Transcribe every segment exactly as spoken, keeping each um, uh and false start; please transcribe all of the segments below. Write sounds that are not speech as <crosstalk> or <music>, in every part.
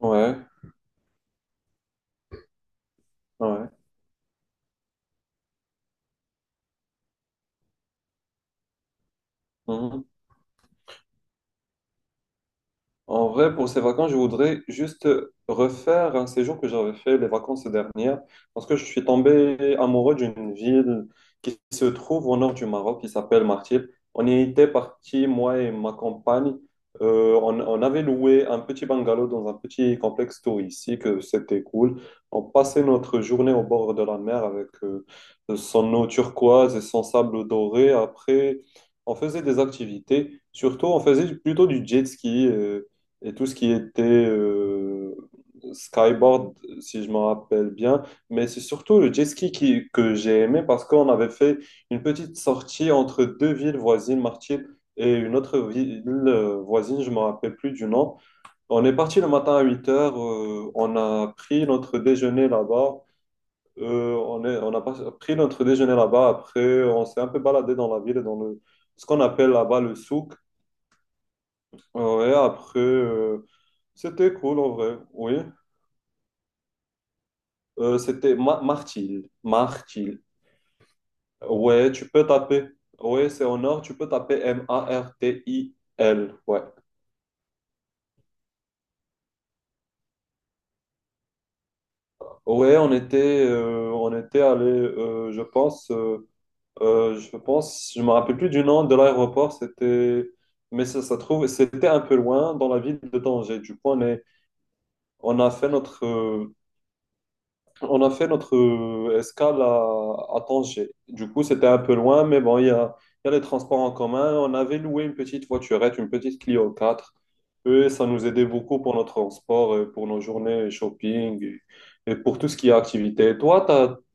Ouais, ouais. Mhm. En vrai, pour ces vacances, je voudrais juste refaire un séjour que j'avais fait les vacances dernières, parce que je suis tombé amoureux d'une ville qui se trouve au nord du Maroc, qui s'appelle Martil. On y était parti, moi et ma compagne. Euh, on, on avait loué un petit bungalow dans un petit complexe touristique, euh, c'était cool. On passait notre journée au bord de la mer avec euh, son eau turquoise et son sable doré. Après, on faisait des activités. Surtout, on faisait plutôt du jet ski. Euh, et tout ce qui était euh, skyboard, si je me rappelle bien. Mais c'est surtout le jet ski qui- que j'ai aimé parce qu'on avait fait une petite sortie entre deux villes voisines, Martil et une autre ville euh, voisine, je me rappelle plus du nom. On est parti le matin à huit heures, euh, on a pris notre déjeuner là-bas. Euh, on est, on a pas- pris notre déjeuner là-bas. Après, on s'est un peu baladé dans la ville, dans le, ce qu'on appelle là-bas le souk. Ouais, après, euh, c'était cool en vrai, oui. Euh, c'était Ma Martil. Martil. Ouais, tu peux taper. Ouais, c'est en or, tu peux taper M A R T I L. Ouais. Ouais, on était, euh, on était allé, euh, je pense, euh, euh, je pense, je me rappelle plus du nom de l'aéroport, c'était, mais ça, ça trouve, c'était un peu loin dans la ville de Tanger. Du coup, on est, on a fait notre, euh, On a fait notre euh, escale à, à Tanger. Du coup, c'était un peu loin, mais bon, il y a, il y a les transports en commun. On avait loué une petite voiturette, une petite Clio quatre. Et ça nous aidait beaucoup pour notre transport, et pour nos journées shopping et, et pour tout ce qui est activité. Toi,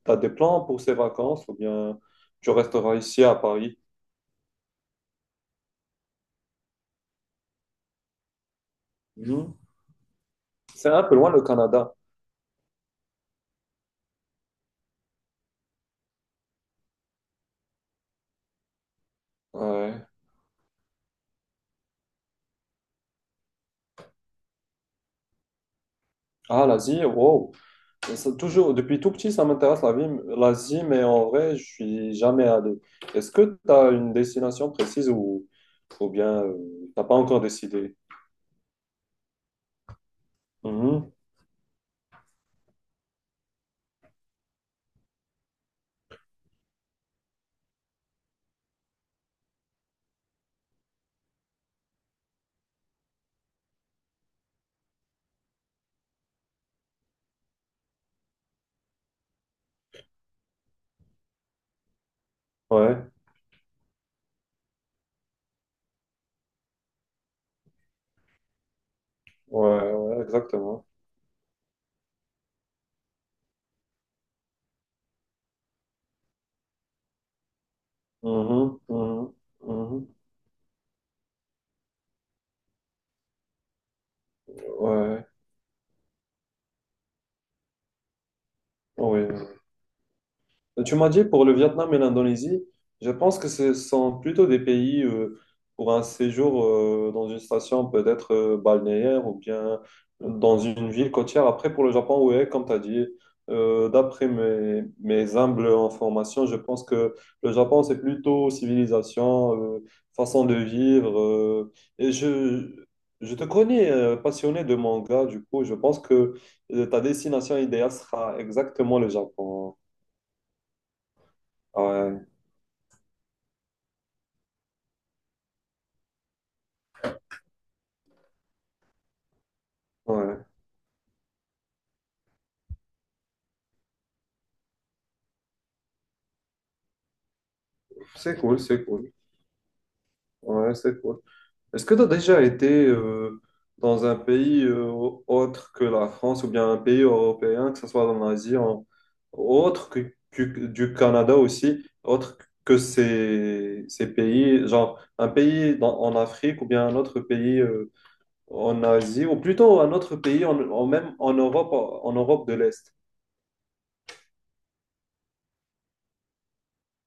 tu as des plans pour ces vacances ou bien tu resteras ici à Paris? Mhm. C'est un peu loin le Canada. Ouais. Ah, l'Asie, wow. Ça, toujours, depuis tout petit, ça m'intéresse la vie, l'Asie, mais en vrai, je suis jamais allé. Est-ce que tu as une destination précise ou, ou bien tu t'as pas encore décidé? Mhm. Ouais, ouais, ouais, exactement. Mhm, mhm, mhm. Ouais, oui. Tu m'as dit pour le Vietnam et l'Indonésie, je pense que ce sont plutôt des pays euh, pour un séjour euh, dans une station peut-être euh, balnéaire ou bien dans une ville côtière. Après, pour le Japon, oui, comme tu as dit, euh, d'après mes, mes humbles informations, je pense que le Japon, c'est plutôt civilisation, euh, façon de vivre. Euh, et je, je te connais euh, passionné de manga, du coup, je pense que euh, ta destination idéale sera exactement le Japon. Ouais. Ouais, c'est cool, c'est cool. Ouais, c'est cool. Est-ce que tu as déjà été euh, dans un pays euh, autre que la France ou bien un pays européen, que ce soit en Asie, en... autre que, que- du Canada aussi, autre que ces, ces pays, genre un pays dans- en Afrique ou bien un autre pays euh, en Asie, ou plutôt un autre pays en, en- même en Europe, en Europe de l'Est.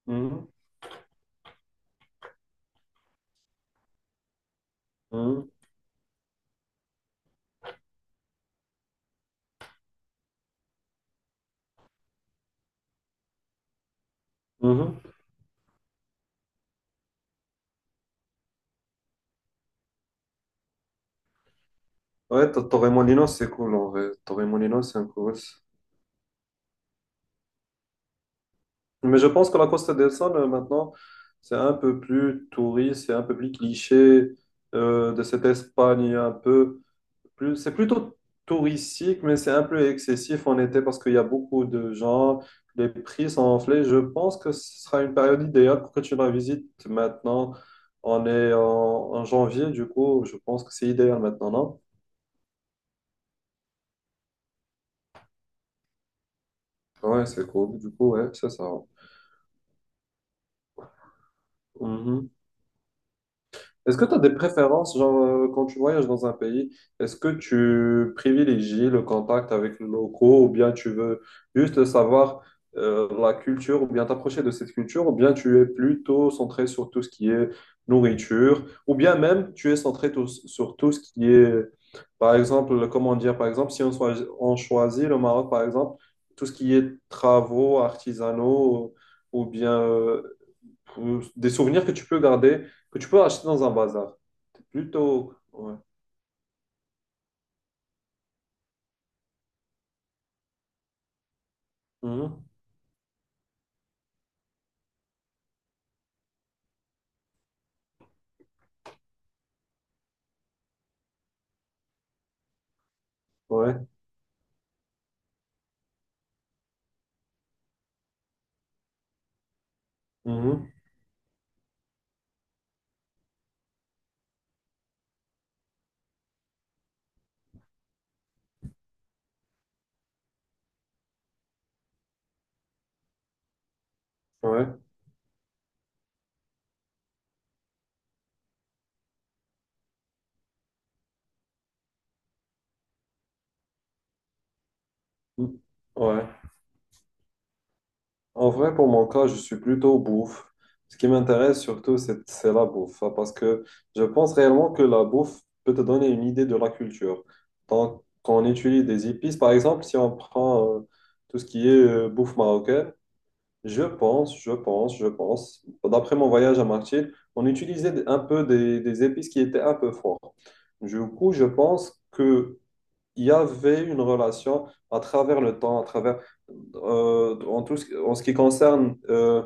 Mhm, mhm, mhm. Ouais, Ta- Torremolinos, c'est cool en vrai. Torremolinos, c'est un cool. Mais je pense que la Costa del Sol, euh, maintenant, c'est un peu plus touriste, c'est un peu plus cliché euh, de cette Espagne, un peu plus. C'est plutôt touristique, mais c'est un peu excessif en été parce qu'il y a beaucoup de gens, les prix sont enflés. Je pense que ce sera une période idéale pour que tu la visites maintenant. On est en, en janvier, du coup, je pense que c'est idéal maintenant, non? Ouais, c'est cool. Du coup, ouais, c'est ça. Est-ce que tu as des préférences, genre, euh, quand tu voyages dans un pays, est-ce que tu privilégies le contact avec les locaux ou bien tu veux juste savoir euh, la culture ou bien t'approcher de cette culture ou bien tu es plutôt centré sur tout ce qui est nourriture ou bien même tu es centré tout- sur tout ce qui est, par exemple, comment dire, par exemple, si on, soi- on choisit le Maroc, par exemple, tout ce qui est travaux artisanaux ou bien euh, euh, des souvenirs que tu peux garder, que tu peux acheter dans un bazar. Plutôt. Ouais. Mhm. Ouais. Mhm. Ouais. Mhm. Ouais. En vrai, pour mon cas, je suis plutôt bouffe. Ce qui m'intéresse surtout, c'est c'est la bouffe. Hein, parce que je pense réellement que la bouffe peut te donner une idée de la culture. Donc, quand on utilise des épices, par exemple, si on prend euh, tout ce qui est euh, bouffe marocaine. Je pense, je pense, je pense. D'après mon voyage à Martil, on utilisait un peu des, des épices qui étaient un peu fortes. Du coup, je pense que il y avait une relation à travers le temps, à travers euh, en tout ce, en ce qui concerne euh,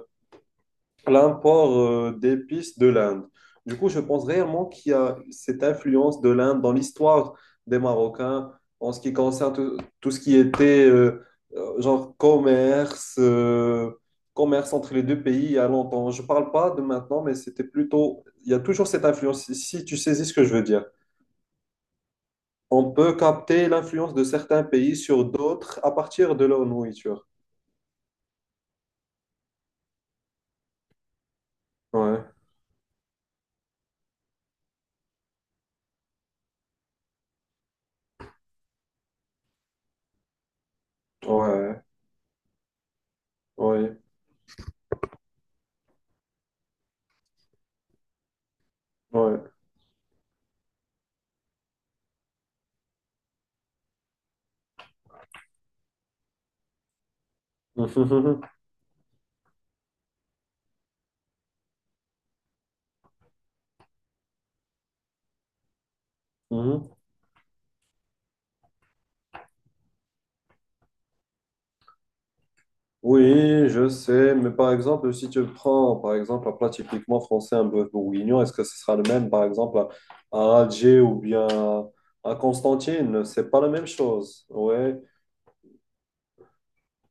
l'import euh, d'épices de l'Inde. Du coup, je pense réellement qu'il y a cette influence de l'Inde dans l'histoire des Marocains en ce qui concerne tout, tout ce qui était euh, euh, genre commerce, euh, commerce entre les deux pays il y a longtemps. Je parle pas de maintenant, mais c'était plutôt. Il y a toujours cette influence, si si tu saisis ce que je veux dire. On peut capter l'influence de certains pays sur d'autres à partir de leur nourriture. Ouais, ouais, ouais, ouais. <laughs> Oui, je sais, mais par exemple, si tu prends par exemple un plat typiquement français, un bœuf bourguignon, est-ce que ce sera le même par exemple à, à Alger ou bien à Constantine? C'est pas la même chose. Ouais.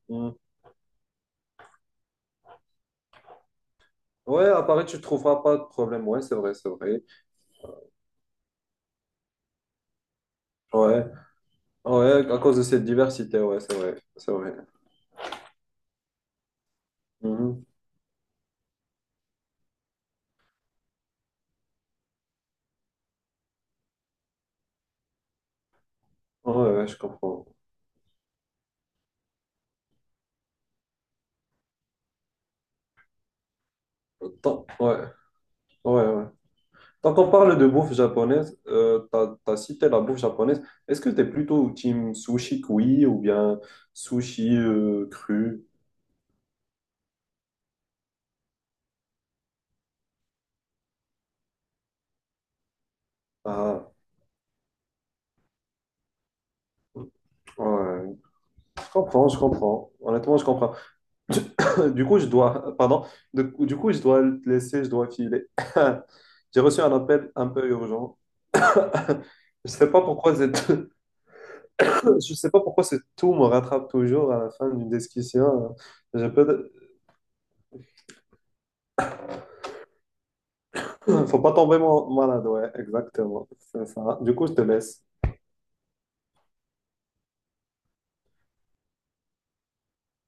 Hmm. Ouais, à Paris, tu trouveras pas de problème. Ouais, c'est vrai, c'est vrai. Ouais, ouais, à cause de cette diversité, ouais, c'est vrai, c'est vrai. Mhm. Ouais, ouais, je comprends. Tant- Ouais, ouais, ouais. Quand on parle de bouffe japonaise, euh, t'as, t'as cité la bouffe japonaise. Est-ce que t'es plutôt team sushi cuit ou bien sushi euh, cru? Ah, ouais. Je comprends, je comprends. Honnêtement, je comprends. <coughs> Du coup, je dois, pardon, De- du coup, je dois te laisser, je dois filer. <coughs> <laughs> J'ai reçu un appel un peu urgent. <coughs> Je sais pas pourquoi c'est- <coughs> <laughs> je sais pas pourquoi ce tout me rattrape toujours à la fin d'une discussion. Je peux. <laughs> Faut pas tomber mon- malade, ouais, exactement. C'est ça. Du coup, je te laisse.